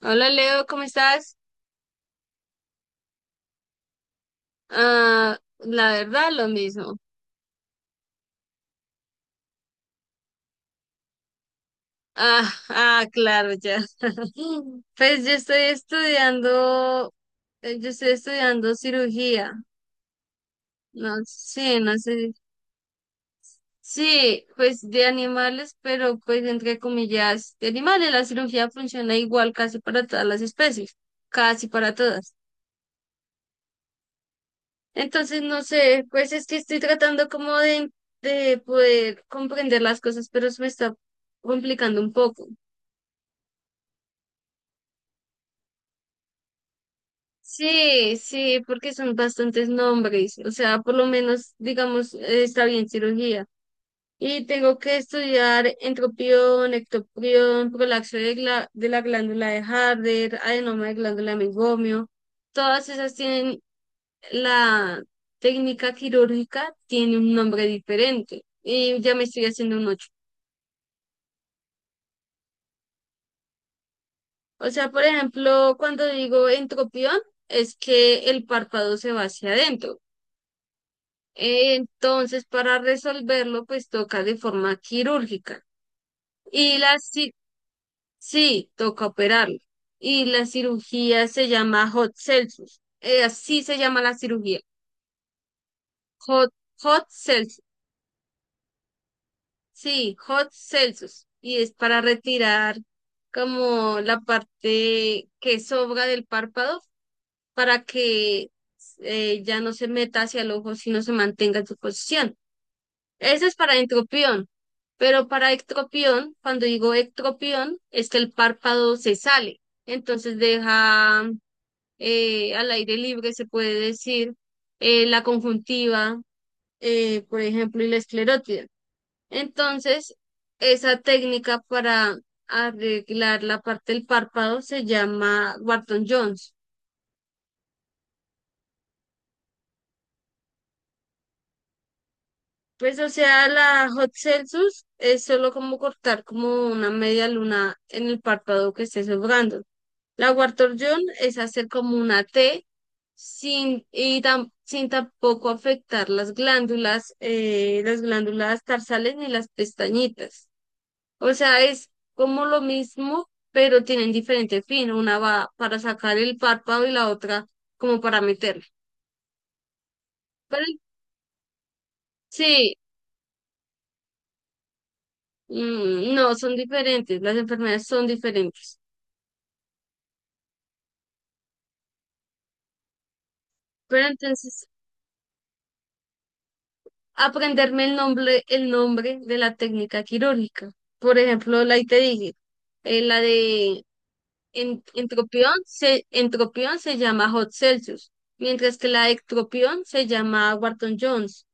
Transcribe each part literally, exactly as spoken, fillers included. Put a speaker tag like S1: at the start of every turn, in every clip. S1: Hola Leo, ¿cómo estás? Ah, la verdad, lo mismo. Ah, ah, claro, ya. Pues yo estoy estudiando, eh, yo estoy estudiando cirugía. No sé, no sé. Sí, pues de animales, pero pues entre comillas, de animales, la cirugía funciona igual casi para todas las especies, casi para todas. Entonces, no sé, pues es que estoy tratando como de, de poder comprender las cosas, pero se me está complicando un poco. Sí, sí, porque son bastantes nombres, o sea, por lo menos, digamos, eh, está bien cirugía. Y tengo que estudiar entropión, ectoprión, prolapso de, gla- de la glándula de Harder, adenoma de glándula de meiomio. Todas esas tienen la técnica quirúrgica, tiene un nombre diferente y ya me estoy haciendo un ocho. O sea, por ejemplo, cuando digo entropión, es que el párpado se va hacia adentro. Entonces, para resolverlo, pues toca de forma quirúrgica. Y la ci- sí, toca operarlo. Y la cirugía se llama Hot Celsus. Eh, así se llama la cirugía. Hot, hot Celsus. Sí, Hot Celsus. Y es para retirar como la parte que sobra del párpado para que eh, ya no se meta hacia el ojo, sino se mantenga en su posición. Ese es para entropión, pero para ectropión, cuando digo ectropión, es que el párpado se sale, entonces deja eh, al aire libre, se puede decir, eh, la conjuntiva, eh, por ejemplo, y la esclerótida. Entonces, esa técnica para arreglar la parte del párpado se llama Wharton-Jones. Pues, o sea, la Hot Celsus es solo como cortar como una media luna en el párpado que esté sobrando. La Wartorjón es hacer como una T sin, y tam- sin tampoco afectar las glándulas, eh, las glándulas tarsales ni las pestañitas. O sea, es como lo mismo, pero tienen diferente fin. Una va para sacar el párpado y la otra como para meterlo. Pero sí, mm, no, son diferentes. Las enfermedades son diferentes. Pero entonces aprenderme el nombre, el nombre de la técnica quirúrgica. Por ejemplo, la que te dije, eh, la de en- entropión se, entropión se llama Hot Celsius, mientras que la de ectropión se llama Wharton Jones.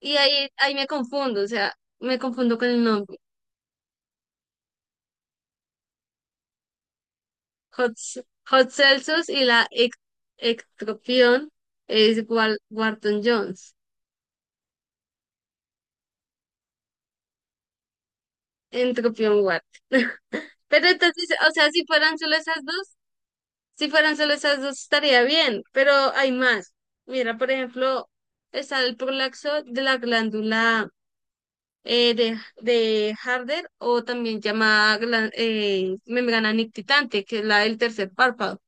S1: Y ahí, ahí me confundo, o sea, me confundo con el nombre. Hot, Ce- Hot Celsius y la ec- ectropión es Wal- Wharton Jones. Entropión Wharton. Pero entonces, o sea, si fueran solo esas dos, Si fueran solo esas dos estaría bien, pero hay más. Mira, por ejemplo, está el prolaxo de la glándula eh, de, de Harder o también llamada glá- eh, membrana nictitante, que es la del tercer párpado.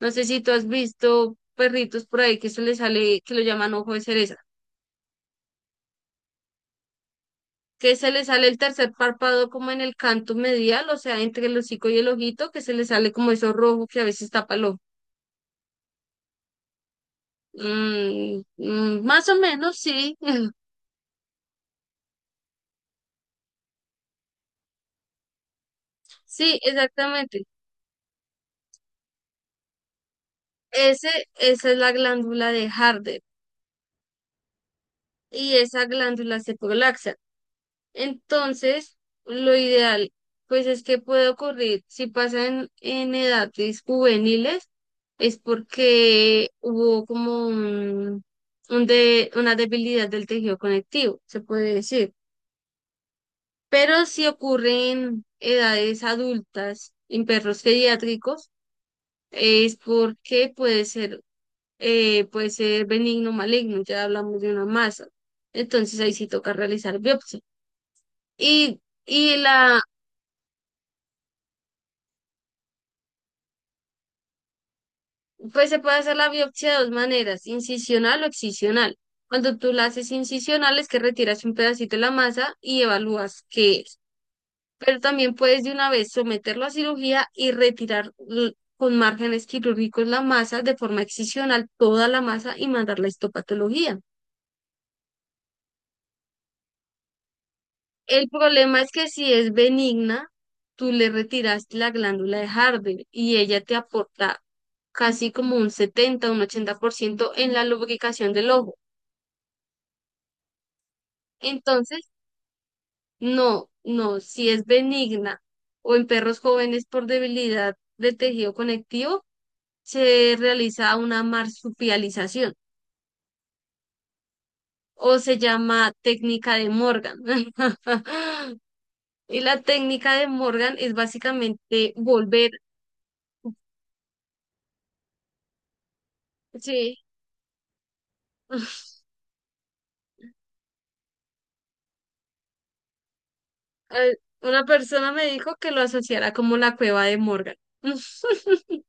S1: No sé si tú has visto perritos por ahí que se les sale, que lo llaman ojo de cereza, que se les sale el tercer párpado como en el canto medial, o sea, entre el hocico y el ojito, que se les sale como eso rojo que a veces tapa el ojo. Mm, mm, más o menos, sí. Sí, exactamente. Ese, esa es la glándula de Harder y esa glándula se prolaxa. Entonces, lo ideal, pues es que puede ocurrir si pasa en, en edades juveniles, es porque hubo como un, un de, una debilidad del tejido conectivo, se puede decir. Pero si ocurre en edades adultas, en perros pediátricos, es porque puede ser eh, puede ser benigno, maligno, ya hablamos de una masa. Entonces ahí sí toca realizar biopsia. Y, y la, pues se puede hacer la biopsia de dos maneras, incisional o excisional. Cuando tú la haces incisional es que retiras un pedacito de la masa y evalúas qué es. Pero también puedes de una vez someterlo a cirugía y retirar l- con márgenes quirúrgicos la masa de forma excisional, toda la masa y mandarla la histopatología. El problema es que si es benigna, tú le retiraste la glándula de Harvey y ella te aporta casi como un setenta un ochenta por ciento en la lubricación del ojo. Entonces, no, no, si es benigna o en perros jóvenes por debilidad de tejido conectivo, se realiza una marsupialización o se llama técnica de Morgan. Y la técnica de Morgan es básicamente volver, sí. Eh, una persona me dijo que lo asociara como la cueva de Morgan.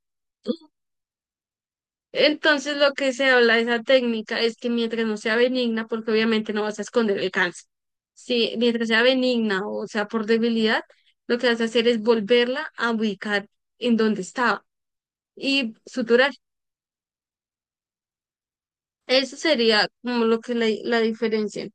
S1: Entonces lo que se habla de esa técnica es que mientras no sea benigna, porque obviamente no vas a esconder el cáncer, si mientras sea benigna o sea por debilidad, lo que vas a hacer es volverla a ubicar en donde estaba y suturar. Eso sería como lo que la, la diferencia.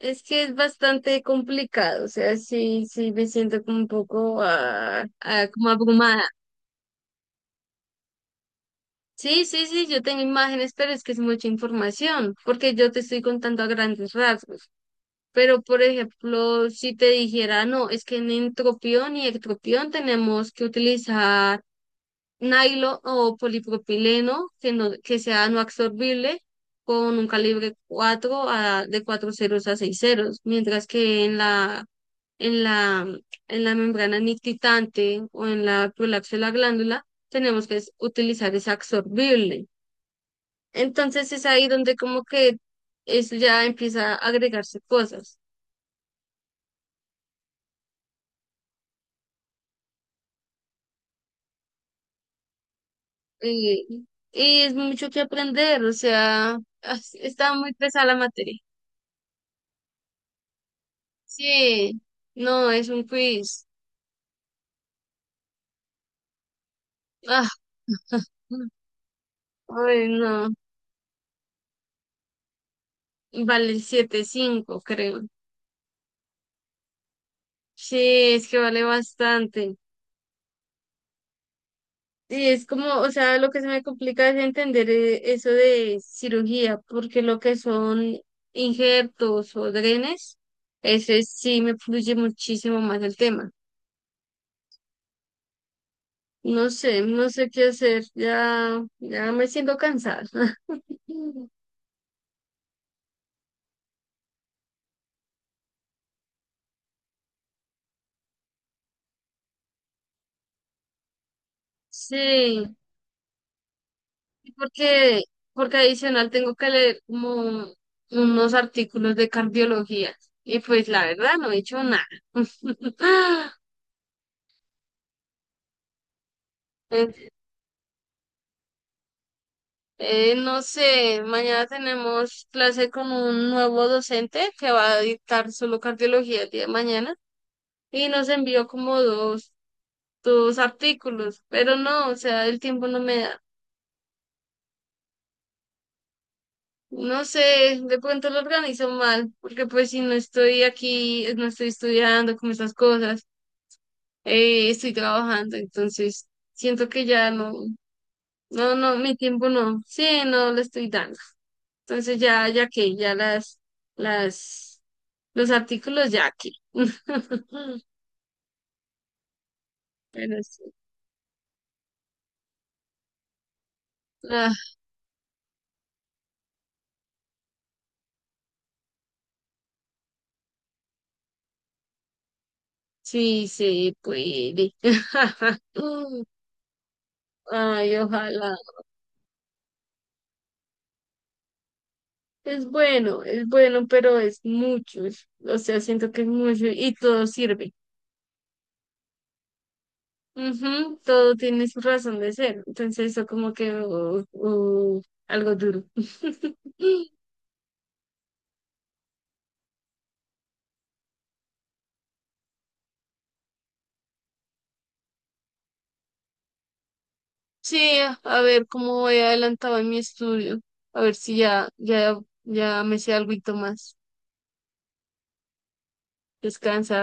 S1: Es que es bastante complicado, o sea, sí, sí me siento como un poco ah, ah, como abrumada. Sí, sí, sí, yo tengo imágenes, pero es que es mucha información, porque yo te estoy contando a grandes rasgos. Pero, por ejemplo, si te dijera, no, es que en entropión y ectropión tenemos que utilizar nylon o polipropileno que, no, que sea no absorbible con un calibre cuatro a, de cuatro ceros a seis ceros, mientras que en la, en la, en la membrana nictitante o en la prolapso de la glándula tenemos que es- utilizar es absorbible. Entonces es ahí donde como que eso ya empieza a agregarse cosas. eh, y es mucho que aprender, o sea, as- está muy pesada la materia. Sí, no, es un quiz. Ah, ay, no, vale siete punto cinco creo. Sí, es que vale bastante. Sí, es como, o sea, lo que se me complica es entender eh, eso de cirugía, porque lo que son injertos o drenes, ese sí me fluye muchísimo más el tema. No sé, no sé qué hacer, ya, ya me siento cansada. Sí, porque, porque adicional tengo que leer como unos artículos de cardiología, y pues la verdad no he hecho nada. Eh, no sé, mañana tenemos clase con un nuevo docente que va a dictar solo cardiología el día de mañana y nos envió como dos, dos artículos, pero no, o sea, el tiempo no me da. No sé, de pronto lo organizo mal, porque pues si no estoy aquí, eh, no estoy estudiando como esas cosas, eh, estoy trabajando, entonces siento que ya no, no, no, mi tiempo no, sí, no lo estoy dando. Entonces ya, ya que, ya las, las Los artículos ya aquí. Pero sí. Ah, sí, se puede. Mm, Ay, ojalá. Es bueno, es bueno, pero es mucho. es- O sea, siento que es mucho y todo sirve. Ujú, todo tiene su razón de ser. Entonces, eso como que uh, uh, algo duro. Sí, a ver cómo voy adelantado en mi estudio. A ver si ya, ya, ya me sé algo más. Descansa.